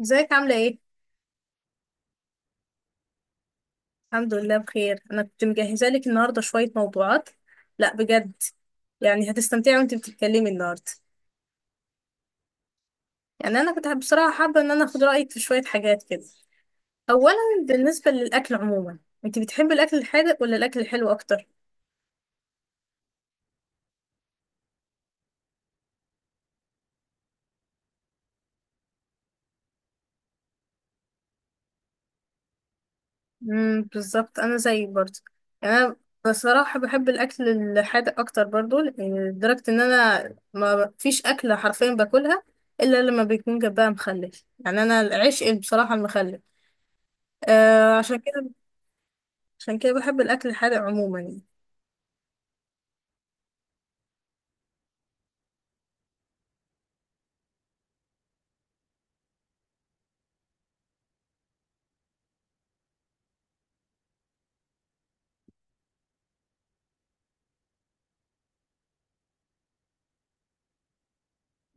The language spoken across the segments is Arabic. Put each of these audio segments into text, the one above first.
ازيك عاملة ايه؟ الحمد لله بخير، انا كنت مجهزة لك النهاردة شوية موضوعات. لا بجد يعني هتستمتعي وانت بتتكلمي النهاردة. يعني انا كنت بصراحة حابة ان انا اخد رأيك في شوية حاجات كده. اولا بالنسبة للاكل عموما، انت بتحبي الاكل الحادق ولا الاكل الحلو اكتر؟ بالظبط انا زيك برضه. يعني انا، بصراحة بحب الاكل الحادق اكتر برضه، لدرجة ان انا ما فيش اكلة حرفيا باكلها الا لما بيكون جنبها مخلل. يعني انا العشق بصراحة المخلل. آه عشان كده، عشان كده بحب الأكل الحادق عموما يعني.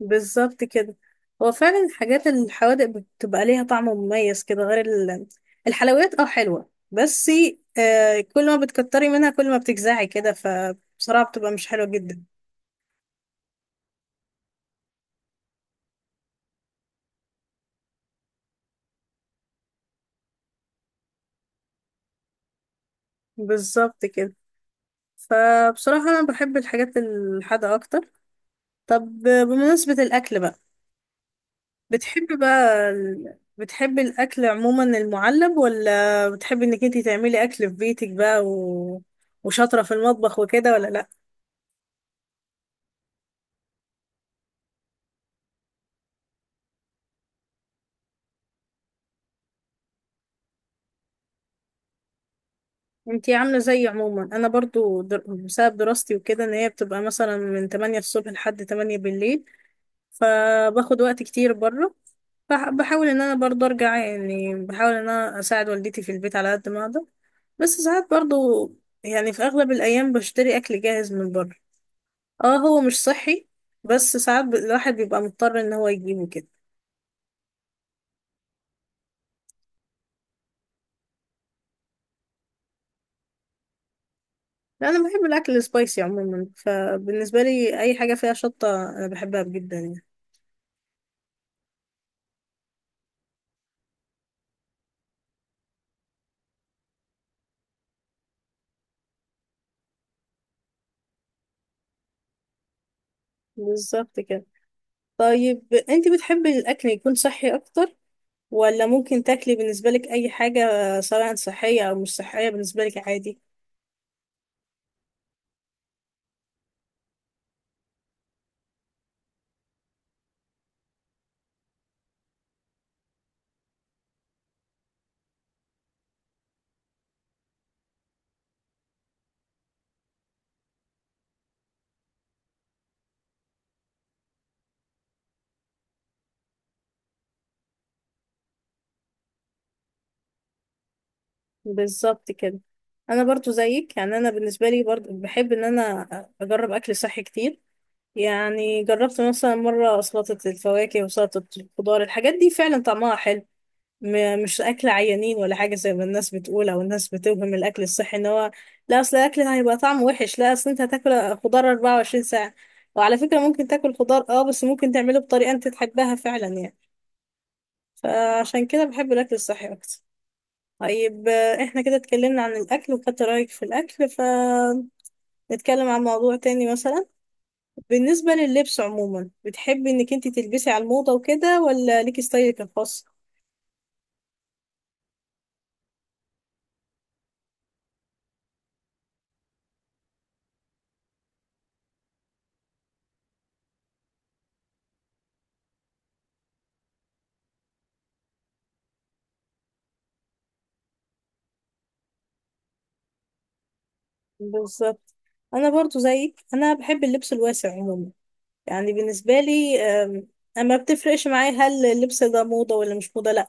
بالظبط كده، هو فعلا الحاجات الحوادق بتبقى ليها طعم مميز كده غير الحلويات. اه حلوة بس آه، كل ما بتكتري منها كل ما بتجزعي كده، فبصراحة بتبقى مش حلوة جدا. بالظبط كده، فبصراحة أنا بحب الحاجات الحادقة أكتر. طب بمناسبة الأكل بقى، بتحبي بقى بتحبي الأكل عموما المعلب، ولا بتحبي إنك انتي تعملي أكل في بيتك بقى و وشاطرة في المطبخ وكده ولا لأ؟ انتي عاملة زي عموما أنا برضو بسبب دراستي وكده، إن هي بتبقى مثلا من 8 الصبح لحد 8 بالليل، فباخد وقت كتير بره. بحاول إن أنا برضو أرجع، يعني بحاول إن أنا أساعد والدتي في البيت على قد ما أقدر. بس ساعات برضو يعني في أغلب الأيام بشتري أكل جاهز من بره. اه هو مش صحي، بس ساعات الواحد بيبقى مضطر ان هو يجيبه كده. لا انا بحب الاكل السبايسي عموما، فبالنسبه لي اي حاجه فيها شطه انا بحبها جدا يعني. بالظبط كده. طيب انت بتحبي الاكل يكون صحي اكتر، ولا ممكن تاكلي بالنسبه لك اي حاجه سواء صحيه او مش صحيه بالنسبه لك عادي؟ بالظبط كده. انا برضو زيك، يعني انا بالنسبه لي برضو بحب ان انا اجرب اكل صحي كتير. يعني جربت مثلا مرة سلطة الفواكه وسلطة الخضار، الحاجات دي فعلا طعمها حلو. مش أكل عيانين ولا حاجة زي ما الناس بتقول أو الناس بتوهم الأكل الصحي إن هو لا، أصل الأكل هيبقى طعمه وحش. لا، أصل أنت هتاكل خضار 24 ساعة. وعلى فكرة ممكن تاكل خضار أه، بس ممكن تعمله بطريقة أنت تحبها فعلا يعني. فعشان كده بحب الأكل الصحي أكتر. طيب آه، إحنا كده اتكلمنا عن الأكل وخدت رأيك في الأكل، فنتكلم عن موضوع تاني مثلا. بالنسبة لللبس عموما، بتحبي انك انت تلبسي على الموضة وكده ولا ليكي ستايلك الخاص؟ بالظبط. انا برضو زيك، انا بحب اللبس الواسع عموما. يعني بالنسبة لي اما بتفرقش معايا هل اللبس ده موضة ولا مش موضة، لا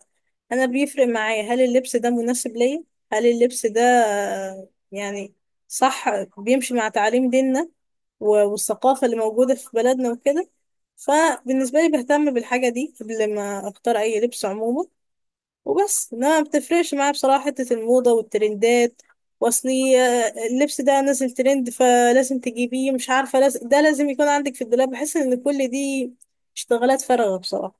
انا بيفرق معايا هل اللبس ده مناسب ليا، هل اللبس ده آه، يعني صح، بيمشي مع تعاليم ديننا والثقافة اللي موجودة في بلدنا وكده. فبالنسبة لي بهتم بالحاجة دي قبل ما اختار اي لبس عموما. وبس لا، ما بتفرقش معايا بصراحة حتة الموضة والترندات واصلي اللبس ده نازل ترند فلازم تجيبيه، مش عارفة لازم ده لازم يكون عندك في الدولاب، بحس ان كل دي اشتغالات فارغة بصراحة.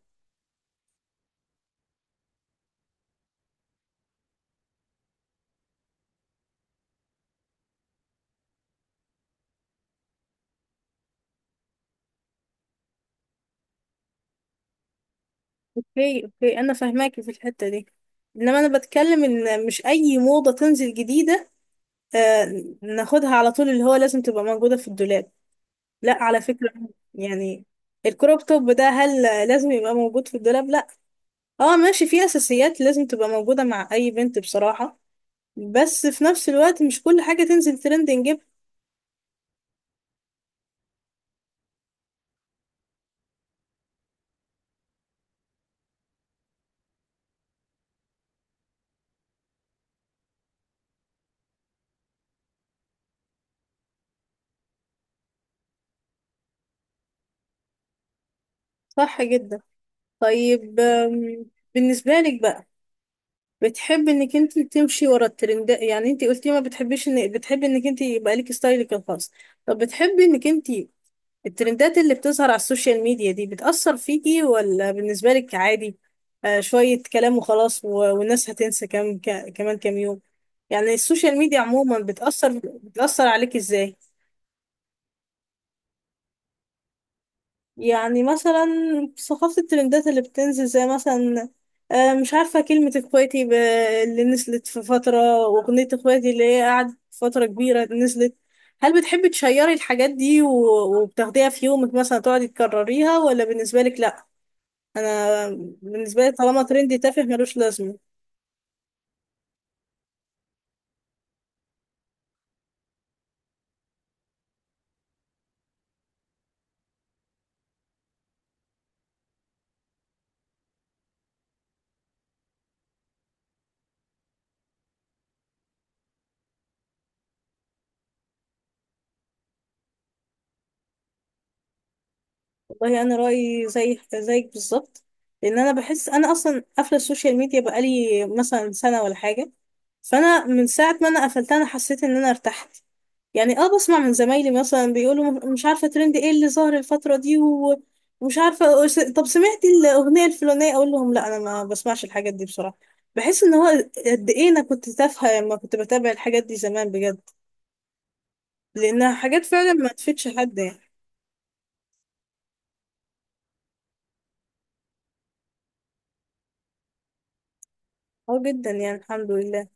اوكي اوكي، انا فاهماكي في الحتة دي. انما انا بتكلم ان مش اي موضة تنزل جديدة آه ناخدها على طول اللي هو لازم تبقى موجودة في الدولاب، لا على فكرة. يعني الكروب توب ده هل لازم يبقى موجود في الدولاب؟ لا. اه ماشي، في اساسيات لازم تبقى موجودة مع اي بنت بصراحة، بس في نفس الوقت مش كل حاجة تنزل ترند نجيبها. صح جدا. طيب آم، بالنسبة لك بقى، بتحب انك انت تمشي ورا الترندات؟ يعني انت قلتي ما بتحبيش ان بتحبي انك انت يبقى لك ستايلك الخاص. طب بتحبي انك انت الترندات اللي بتظهر على السوشيال ميديا دي بتأثر فيكي ولا بالنسبة لك عادي؟ آه شوية كلام وخلاص، والناس هتنسى كمان كام يوم. يعني السوشيال ميديا عموما بتأثر عليك ازاي؟ يعني مثلا ثقافة الترندات اللي بتنزل زي مثلا آه، مش عارفة كلمة اخواتي اللي نزلت في فترة، وأغنية اخواتي اللي هي قعدت فترة كبيرة نزلت. هل بتحبي تشيري الحاجات دي وبتاخديها في يومك مثلا تقعدي تكرريها، ولا بالنسبة لك لأ؟ انا بالنسبه لي طالما ترندي تافه ملوش لازمه. والله انا رايي زي زيك بالظبط، لان انا بحس انا اصلا قافله السوشيال ميديا بقالي مثلا سنه ولا حاجه. فانا من ساعه ما انا قفلتها انا حسيت ان انا ارتحت. يعني اه بسمع من زمايلي مثلا بيقولوا مش عارفه ترند ايه اللي ظاهر الفتره دي ومش عارفه طب سمعتي الاغنيه الفلانيه، اقول لهم لا انا ما بسمعش الحاجات دي بصراحه. بحس ان هو قد ايه انا كنت تافهه لما كنت بتابع الحاجات دي زمان بجد، لانها حاجات فعلا ما تفيدش حد يعني. اه جدا يعني الحمد لله.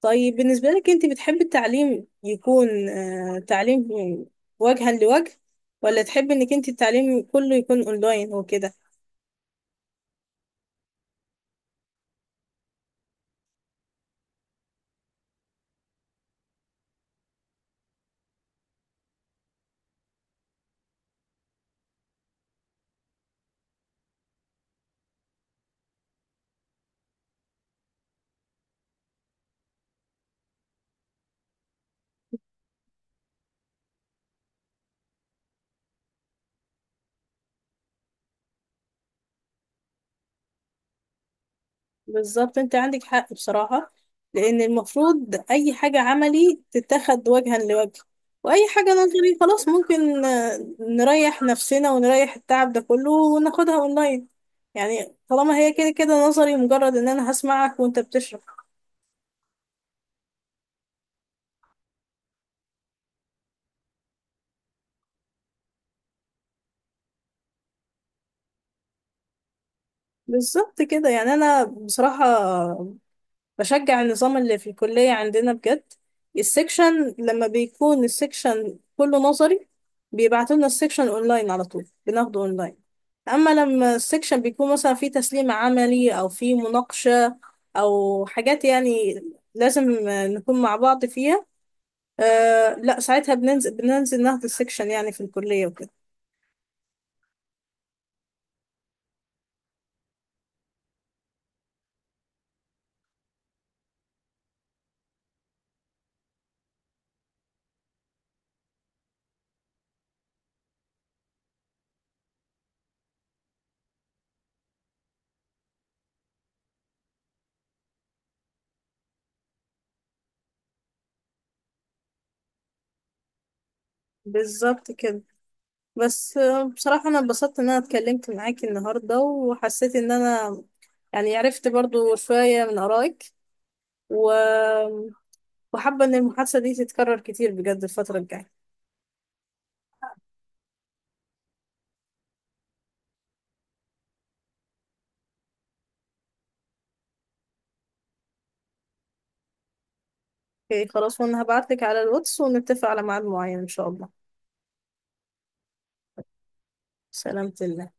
طيب بالنسبة لك انت بتحبي التعليم يكون آه تعليم وجها لوجه، ولا تحبي انك انت التعليم كله يكون اونلاين وكده؟ بالظبط انت عندك حق بصراحة، لان المفروض اي حاجة عملي تتاخد وجها لوجه، واي حاجة نظري خلاص ممكن آه نريح نفسنا ونريح التعب ده كله وناخدها اونلاين. يعني طالما هي كده كده نظري، مجرد ان انا هسمعك وانت بتشرح. بالظبط كده. يعني انا بصراحة بشجع النظام اللي في الكلية عندنا بجد. السكشن لما بيكون السكشن كله نظري بيبعتوا لنا السكشن اونلاين، على طول بناخده اونلاين. اما لما السكشن بيكون مثلا فيه تسليم عملي او فيه مناقشة او حاجات يعني لازم آه، نكون مع بعض فيها، أه لا ساعتها بننزل ناخد السكشن يعني في الكلية وكده. بالظبط كده. بس آه، بصراحة أنا اتبسطت إن أنا اتكلمت معاكي النهاردة، وحسيت إن أنا يعني عرفت برضو شوية من آرائك و... وحابة إن المحادثة دي تتكرر كتير بجد الفترة الجاية. اوكي خلاص، وأنا هبعتلك على الواتس ونتفق على ميعاد معين إن شاء الله. سلامة الله.